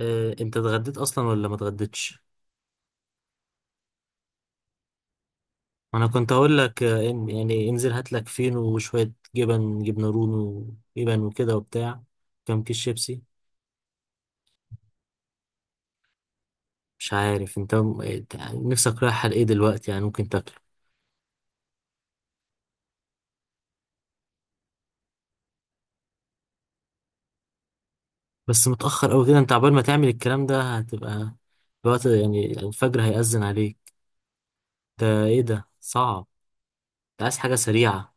انت اتغديت اصلا ولا ما اتغديتش؟ انا كنت هقول لك يعني انزل هات لك فينو وشويه جبن، جبنه رومي وجبن وكده وبتاع، كام كيس شيبسي. مش عارف انت إنت نفسك رايح على ايه دلوقتي يعني ممكن تاكله، بس متاخر قوي كده. انت عبال ما تعمل الكلام ده هتبقى الوقت، يعني الفجر هيأذن عليك. ده ايه ده، صعب. انت عايز حاجه سريعه.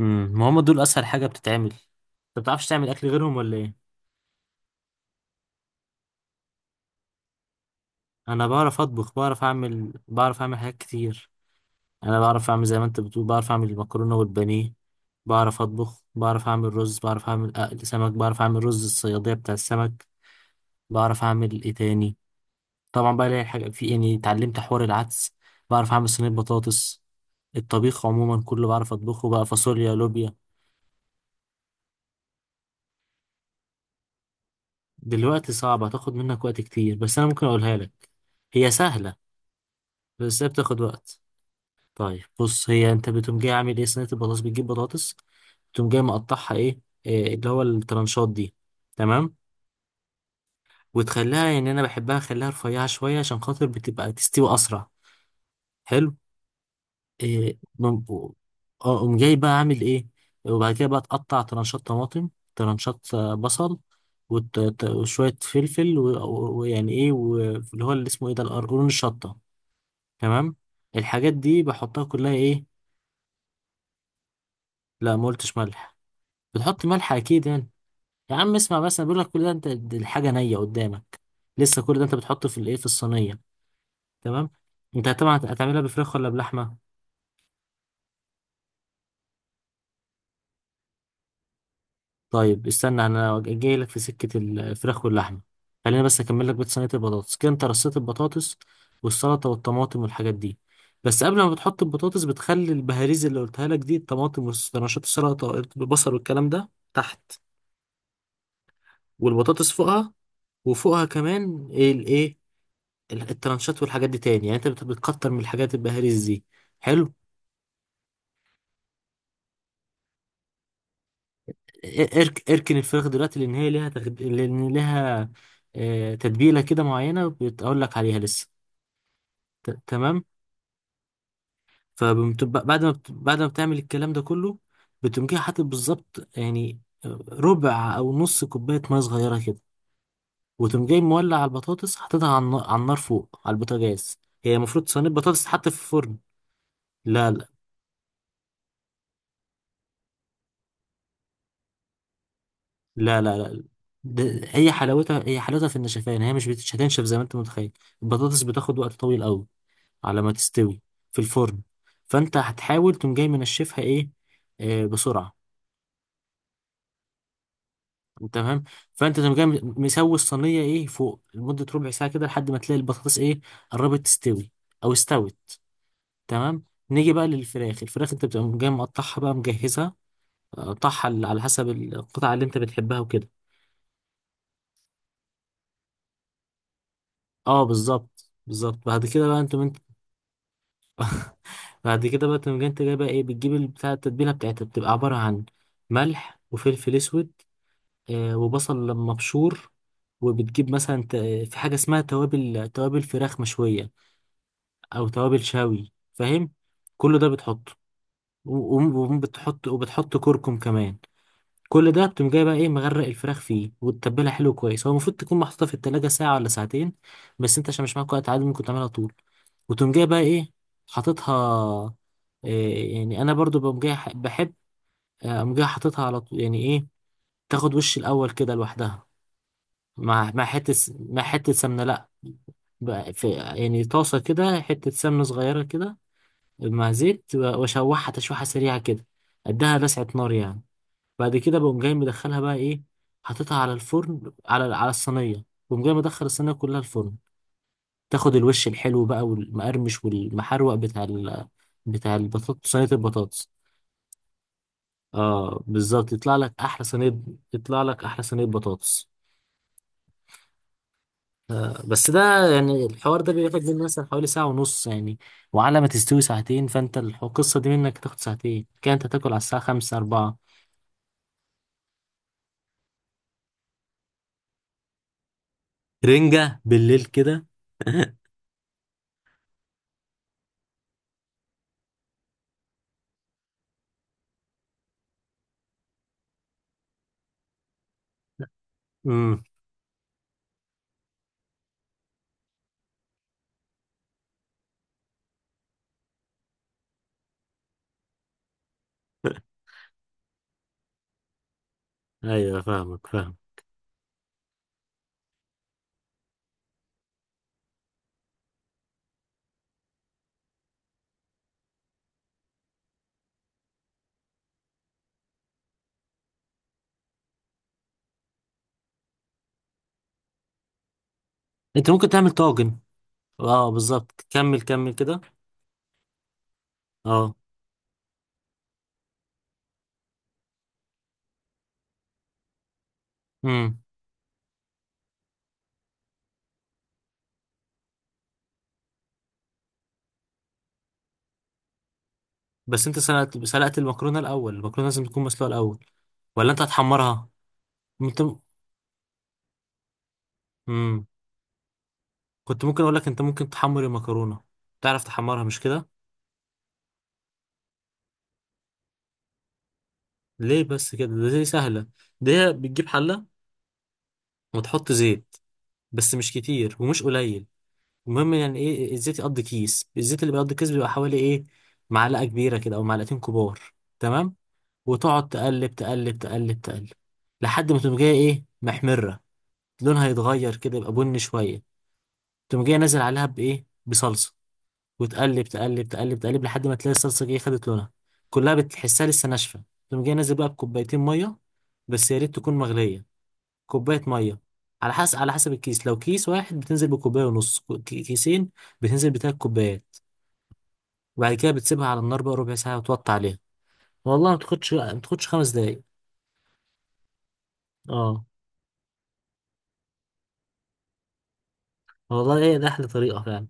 ما هم دول اسهل حاجه بتتعمل. انت بتعرفش تعمل اكل غيرهم ولا ايه؟ انا بعرف اطبخ، بعرف اعمل، بعرف اعمل حاجات كتير. انا بعرف اعمل زي ما انت بتقول، بعرف اعمل المكرونه والبانيه، بعرف اطبخ، بعرف اعمل رز، بعرف اعمل اقل سمك، بعرف اعمل رز الصياديه بتاع السمك. بعرف اعمل ايه تاني. طبعا بقى الاقي حاجه في إيه؟ يعني اتعلمت حوار العدس، بعرف اعمل صينيه بطاطس. الطبيخ عموما كله بعرف اطبخه، بقى فاصوليا لوبيا. دلوقتي صعبه هتاخد منك وقت كتير، بس انا ممكن اقولها لك. هي سهله بس هي بتاخد وقت. طيب بص، هي انت بتقوم جاي عامل ايه صينية البطاطس؟ بتجيب بطاطس، بتقوم جاي مقطعها ايه، إيه اللي هو الترانشات دي، تمام. وتخليها يعني انا بحبها اخليها رفيعة شوية عشان خاطر بتبقى تستوي اسرع، حلو. إيه بم- اه قوم جاي بقى عامل ايه. وبعد كده بقى تقطع ترانشات طماطم، ترانشات بصل، وشوية فلفل ويعني ايه، واللي هو اللي اسمه ايه ده، القرقرون، الشطة، تمام. الحاجات دي بحطها كلها ايه. لا ما قلتش ملح، بتحط ملح اكيد يعني. يا عم اسمع بس، انا بقول لك كل ده، انت دي الحاجه نيه قدامك لسه. كل ده انت بتحطه في الايه، في الصينيه، تمام. انت طبعا هتعملها بفراخ ولا بلحمه؟ طيب استنى انا جاي لك في سكه الفراخ واللحمه. خلينا بس اكمل لك بيت صينيه البطاطس كده. انت رصيت البطاطس والسلطه والطماطم والحاجات دي، بس قبل ما بتحط البطاطس بتخلي البهاريز اللي قلتها لك دي، الطماطم والرشات، السلطه، البصل والكلام ده تحت، والبطاطس فوقها، وفوقها كمان ايه الايه، الترانشات والحاجات دي تاني. يعني انت بتكتر من الحاجات البهاريز دي، حلو. اركن الفراخ دلوقتي، لان هي ليها لان ليها تتبيله كده معينه بتقول لك عليها لسه. تمام. فبعد ما بت... بعد ما بتعمل الكلام ده كله، بتقوم جاي حاطط بالظبط يعني ربع او نص كوبايه ميه صغيره كده. وتقوم جاي مولع على البطاطس، حاططها على النار، فوق على البوتاجاز. هي المفروض صينيه بطاطس تتحط في الفرن. لا لا لا لا لا، ده هي حلاوتها، هي حلاوتها في النشفان. هي مش بتش- هتنشف زي ما انت متخيل. البطاطس بتاخد وقت طويل قوي على ما تستوي في الفرن. فانت هتحاول تقوم جاي منشفها ايه، آه بسرعه. انت فاهم. فانت تقوم جاي مسوي الصينيه ايه فوق لمده ربع ساعه كده لحد ما تلاقي البطاطس ايه، قربت تستوي او استوت، تمام. نيجي بقى للفراخ. الفراخ انت بتقوم جاي مقطعها بقى مجهزها، قطعها على حسب القطعه اللي انت بتحبها وكده. اه بالظبط بالظبط، بعد كده بقى انتم بعد كده بقى تقوم جاي، انت جايبه ايه، بتجيب البتاع، التتبيله بتاعتها بتبقى عباره عن ملح وفلفل اسود، آه وبصل لما مبشور. وبتجيب مثلا ت- في حاجه اسمها توابل، توابل فراخ مشويه او توابل شوي فاهم. كل ده بتحطه، وبتحط كركم كمان. كل ده بتقوم جاي بقى ايه مغرق الفراخ فيه وتتبلها حلو كويس. هو المفروض تكون محطوطه في التلاجة ساعه ولا ساعتين، بس انت عشان مش معاك وقت عادي ممكن تعملها طول. وتقوم جاي بقى ايه حاططها. إيه يعني انا برضو بقوم جاي بحب اقوم جاي حاططها على طول، يعني ايه، تاخد وش الاول كده لوحدها مع حته سمنه. لا بقى في يعني طاسه كده، حته سمنه صغيره كده مع زيت واشوحها تشويحه سريعه كده، اديها لسعه نار يعني. بعد كده بقوم جاي مدخلها بقى ايه، حاططها على الفرن، على الصينيه، بقوم جاي مدخل الصينيه كلها الفرن. تاخد الوش الحلو بقى والمقرمش والمحروق بتاع البطاطس، صينيه البطاطس. اه بالظبط، يطلع لك احلى صينيه، يطلع لك احلى صينيه بطاطس. آه بس ده يعني الحوار ده بياخد مني مثلا حوالي ساعه ونص يعني، وعلى ما تستوي ساعتين. فانت القصه دي منك تاخد ساعتين كده، انت تاكل على الساعه 5 4. رنجه بالليل كده؟ امم، ايوه فاهمك فاهم. انت ممكن تعمل طاجن. اه بالظبط، كمل كمل كده. اه، امم. بس انت سلقت المكرونه الاول؟ المكرونه لازم تكون مسلوقه الاول ولا انت هتحمرها؟ انت امم كنت ممكن اقول لك انت ممكن تحمر المكرونه، تعرف تحمرها مش كده؟ ليه بس كده، ده دي سهله. ده هي بتجيب حله وتحط زيت، بس مش كتير ومش قليل. المهم يعني ايه الزيت يقضي كيس، الزيت اللي بيقضي كيس بيبقى حوالي ايه، معلقه كبيره كده او معلقتين كبار، تمام. وتقعد تقلب تقلب تقلب تقلب لحد ما تقوم جاية ايه محمرة، لونها يتغير كده يبقى بني شوية. تقوم جاية نازل عليها بإيه، بصلصة، وتقلب تقلب تقلب تقلب لحد ما تلاقي الصلصة جاية خدت لونها كلها، بتحسها لسه ناشفة. تقوم جاية نازل بقى بكوبايتين مية، بس يا ريت تكون مغلية. كوباية مية، على حسب الكيس. لو كيس واحد بتنزل بكوباية ونص، كيسين بتنزل بتلات كوبايات. وبعد كده بتسيبها على النار بقى ربع ساعة وتوطي عليها. والله ما تاخدش، ما تاخدش خمس دقايق. اه والله، هي ده احلى طريقه فعلا.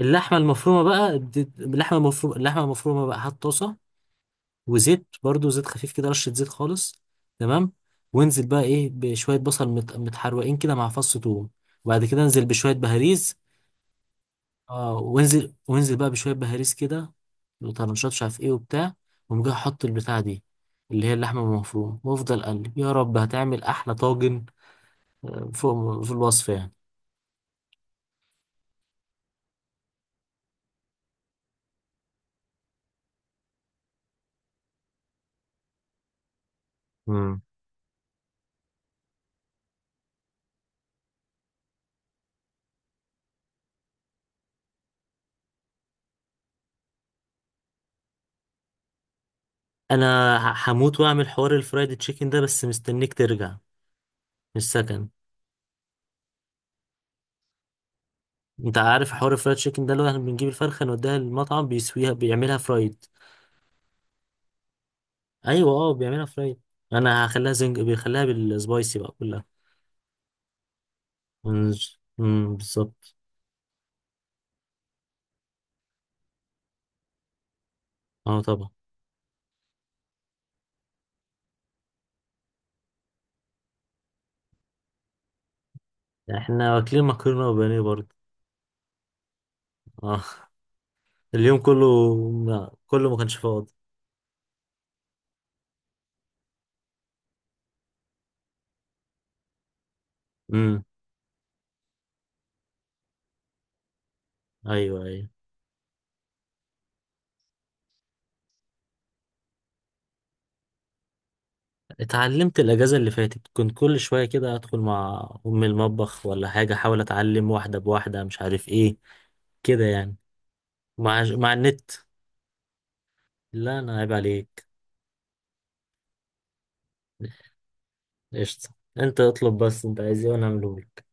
اللحمه المفرومه بقى اللحمه المفرومه بقى، هات طاسه وزيت، برضو زيت خفيف كده، رشه زيت خالص، تمام. وانزل بقى ايه بشويه بصل متحروقين كده مع فص ثوم، وبعد كده انزل بشويه بهاريز. اه، وانزل بقى بشويه بهاريز كده، وطرنشات مش عارف ايه وبتاع، وقوم جاي احط البتاع دي اللي هي اللحمه المفرومه، وافضل اقلب، يا رب هتعمل احلى طاجن، فوق فوق الوصف يعني. انا هموت واعمل حوار الفرايد تشيكن ده، بس مستنيك ترجع من السكن. انت عارف حوار الفرايد تشيكن ده اللي هو احنا بنجيب الفرخه نوديها المطعم بيسويها، بيعملها فرايد. ايوه اه، بيعملها فرايد. انا هخليها زنج، بيخليها بالسبايسي بقى كلها. مم، مم، بالظبط. اه طبعا. احنا واكلين مكرونه وبانيه برضه. اه اليوم كله كله ما كانش فاضي. امم، ايوه ايوه. اتعلمت الأجازة اللي فاتت، كنت كل شوية كده أدخل مع أم المطبخ ولا حاجة أحاول أتعلم واحدة بواحدة مش عارف إيه كده يعني، مع النت. لا أنا عيب عليك. قشطة، أنت اطلب بس أنت عايز إيه وأنا أعملهولك.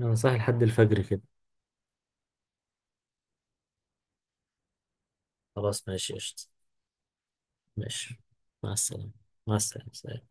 أنا صاحي لحد الفجر كده. خلاص ماشي قشطة. ماشي. مع السلامة. مع السلامة.